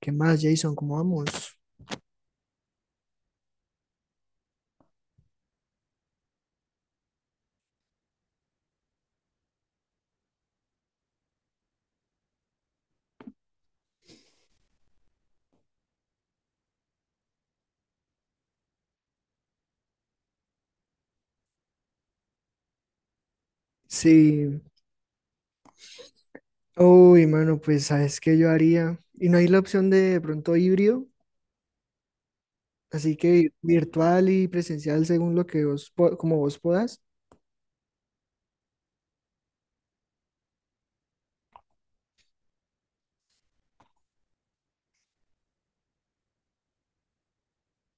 ¿Qué más, Jason? ¿Cómo vamos? Sí. Uy, mano, pues sabes qué yo haría. Y no hay la opción de pronto híbrido, así que virtual y presencial según lo que vos, como vos puedas.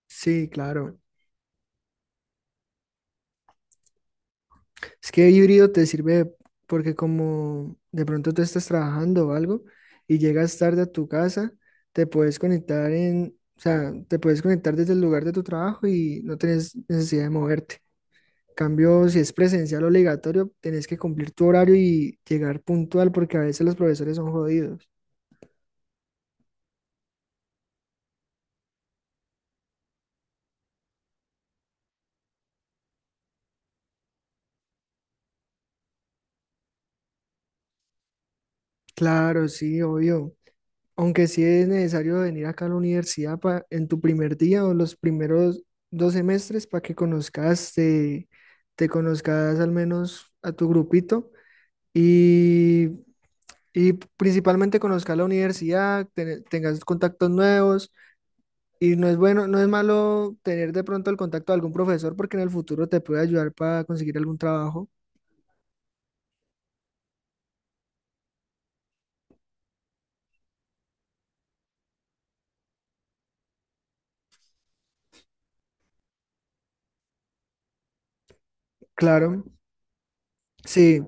Sí, claro. Es que híbrido te sirve porque como de pronto tú estás trabajando o algo y llegas tarde a tu casa, te puedes conectar o sea, te puedes conectar desde el lugar de tu trabajo y no tienes necesidad de moverte. Cambio, si es presencial obligatorio, tenés que cumplir tu horario y llegar puntual porque a veces los profesores son jodidos. Claro, sí, obvio. Aunque sí es necesario venir acá a la universidad en tu primer día o los primeros dos semestres para que conozcas, conozcas al menos a tu grupito y, y principalmente conozcas la universidad, tengas contactos nuevos. Y no es bueno, no es malo tener de pronto el contacto de algún profesor porque en el futuro te puede ayudar para conseguir algún trabajo. Claro, sí,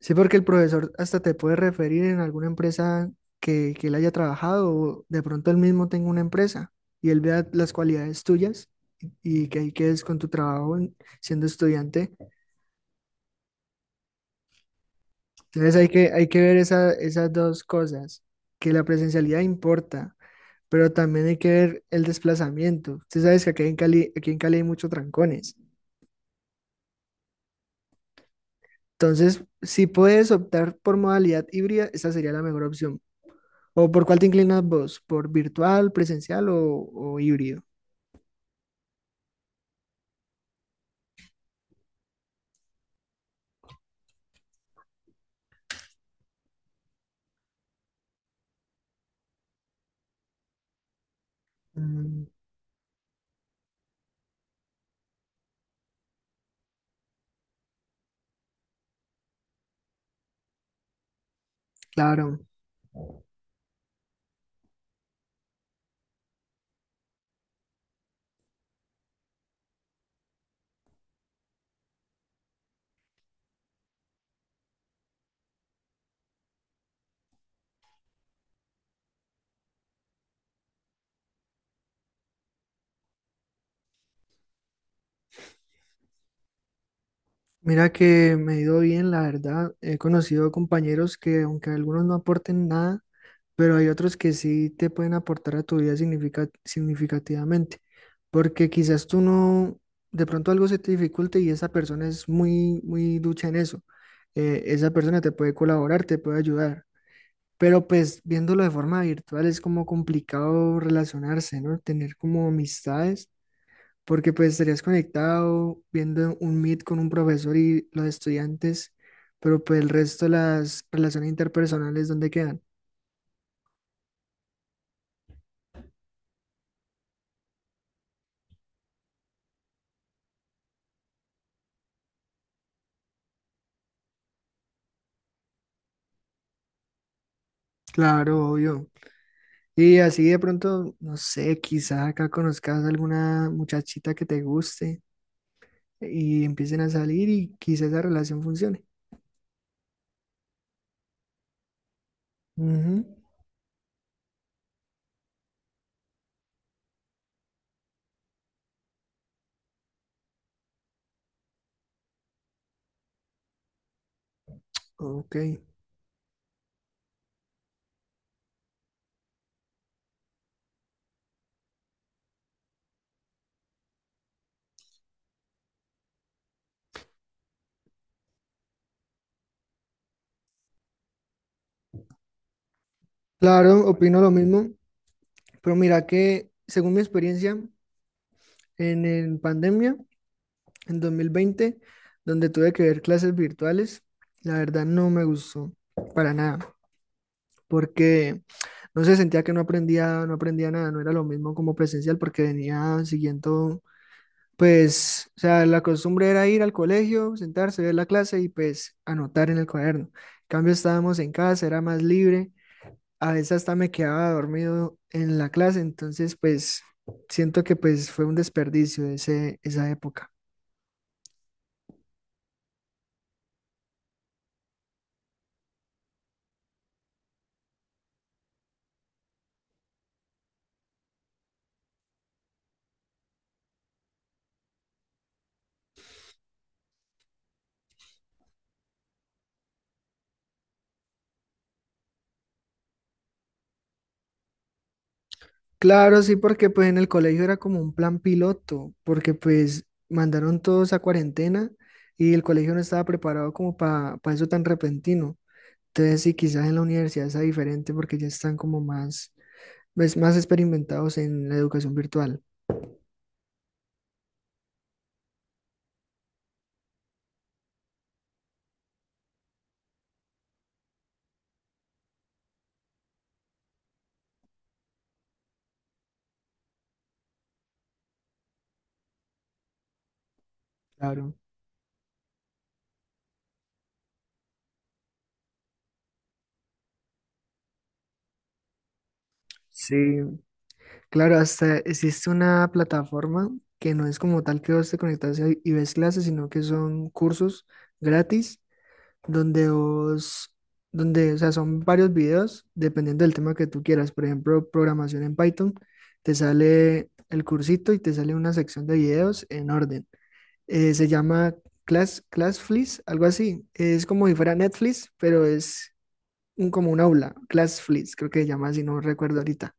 sí, porque el profesor hasta te puede referir en alguna empresa que él haya trabajado o de pronto él mismo tenga una empresa y él vea las cualidades tuyas y que ahí quedes con tu trabajo siendo estudiante. Entonces hay que ver esas dos cosas, que la presencialidad importa pero también hay que ver el desplazamiento. Usted sabes que aquí en Cali hay muchos trancones. Entonces, si puedes optar por modalidad híbrida, esa sería la mejor opción. ¿O por cuál te inclinas vos? ¿Por virtual, presencial o híbrido? Mm, claro. Mira que me ha ido bien, la verdad. He conocido compañeros que, aunque algunos no aporten nada, pero hay otros que sí te pueden aportar a tu vida significativamente. Porque quizás tú no, de pronto algo se te dificulte y esa persona es muy, muy ducha en eso. Esa persona te puede colaborar, te puede ayudar. Pero pues viéndolo de forma virtual es como complicado relacionarse, ¿no? Tener como amistades porque pues estarías conectado viendo un Meet con un profesor y los estudiantes, pero pues el resto de las relaciones interpersonales, ¿dónde quedan? Claro, obvio. Y así de pronto, no sé, quizás acá conozcas alguna muchachita que te guste y empiecen a salir y quizás esa relación funcione. Ujú. Ok. Claro, opino lo mismo, pero mira que según mi experiencia en pandemia, en 2020, donde tuve que ver clases virtuales, la verdad no me gustó para nada, porque no se sentía que no aprendía, no aprendía nada, no era lo mismo como presencial, porque venía siguiendo, pues, o sea, la costumbre era ir al colegio, sentarse, ver la clase y pues anotar en el cuaderno. En cambio, estábamos en casa, era más libre, a veces hasta me quedaba dormido en la clase, entonces pues siento que pues fue un desperdicio esa época. Claro, sí, porque pues en el colegio era como un plan piloto, porque pues mandaron todos a cuarentena y el colegio no estaba preparado como para eso tan repentino. Entonces sí, quizás en la universidad sea diferente porque ya están como más, pues, más experimentados en la educación virtual. Claro. Sí. Claro, hasta existe una plataforma que no es como tal que vos te conectas y ves clases, sino que son cursos gratis donde vos, donde, o sea, son varios videos dependiendo del tema que tú quieras. Por ejemplo, programación en Python, te sale el cursito y te sale una sección de videos en orden. Se llama Classflix, algo así. Es como si fuera Netflix, pero es como un aula, Classflix, creo que se llama así, no recuerdo ahorita.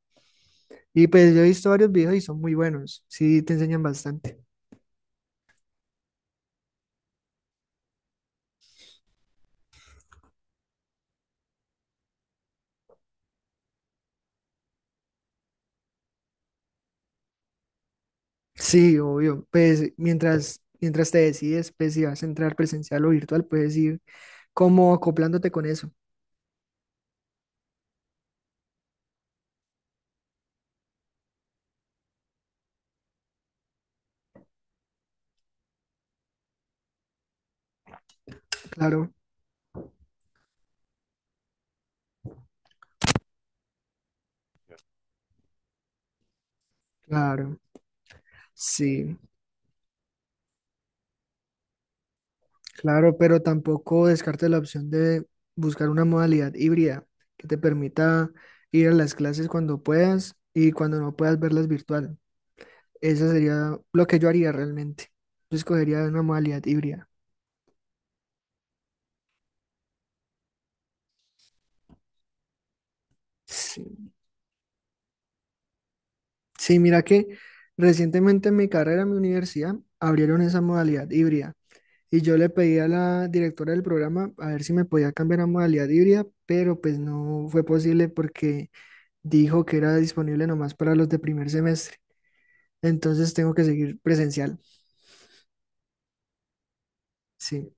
Y pues yo he visto varios videos y son muy buenos, sí te enseñan bastante. Sí, obvio, pues mientras te decides, pues si vas a entrar presencial o virtual, puedes ir como acoplándote con eso. Claro, claro, sí, claro, pero tampoco descartes la opción de buscar una modalidad híbrida que te permita ir a las clases cuando puedas y cuando no puedas verlas virtual. Eso sería lo que yo haría realmente. Yo escogería una modalidad híbrida. Sí. Sí, mira que recientemente en mi carrera, en mi universidad, abrieron esa modalidad híbrida y yo le pedí a la directora del programa a ver si me podía cambiar a modalidad híbrida, pero pues no fue posible porque dijo que era disponible nomás para los de primer semestre. Entonces tengo que seguir presencial. Sí,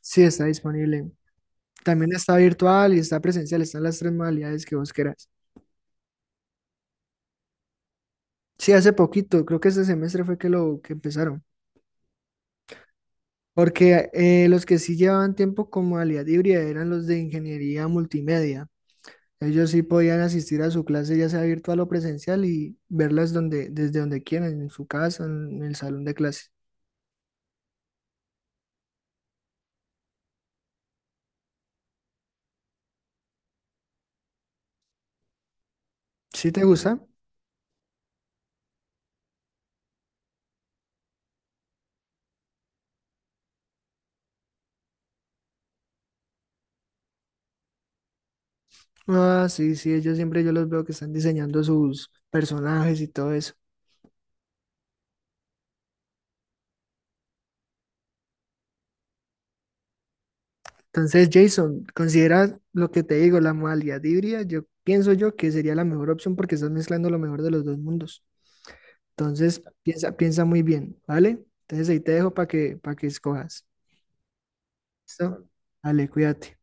sí está disponible. También está virtual y está presencial, están las tres modalidades que vos querás. Sí, hace poquito, creo que este semestre fue que lo que empezaron. Porque los que sí llevaban tiempo con modalidad híbrida eran los de ingeniería multimedia. Ellos sí podían asistir a su clase, ya sea virtual o presencial, y verlas desde donde quieran, en su casa, en el salón de clase. ¿Sí te gusta? Ah, sí, sí, ellos siempre yo los veo que están diseñando sus personajes y todo eso. Entonces, Jason, considera lo que te digo, la modalidad híbrida, yo pienso yo que sería la mejor opción porque estás mezclando lo mejor de los dos mundos. Entonces, piensa muy bien, ¿vale? Entonces ahí te dejo para que escojas. ¿Listo? Vale. Cuídate.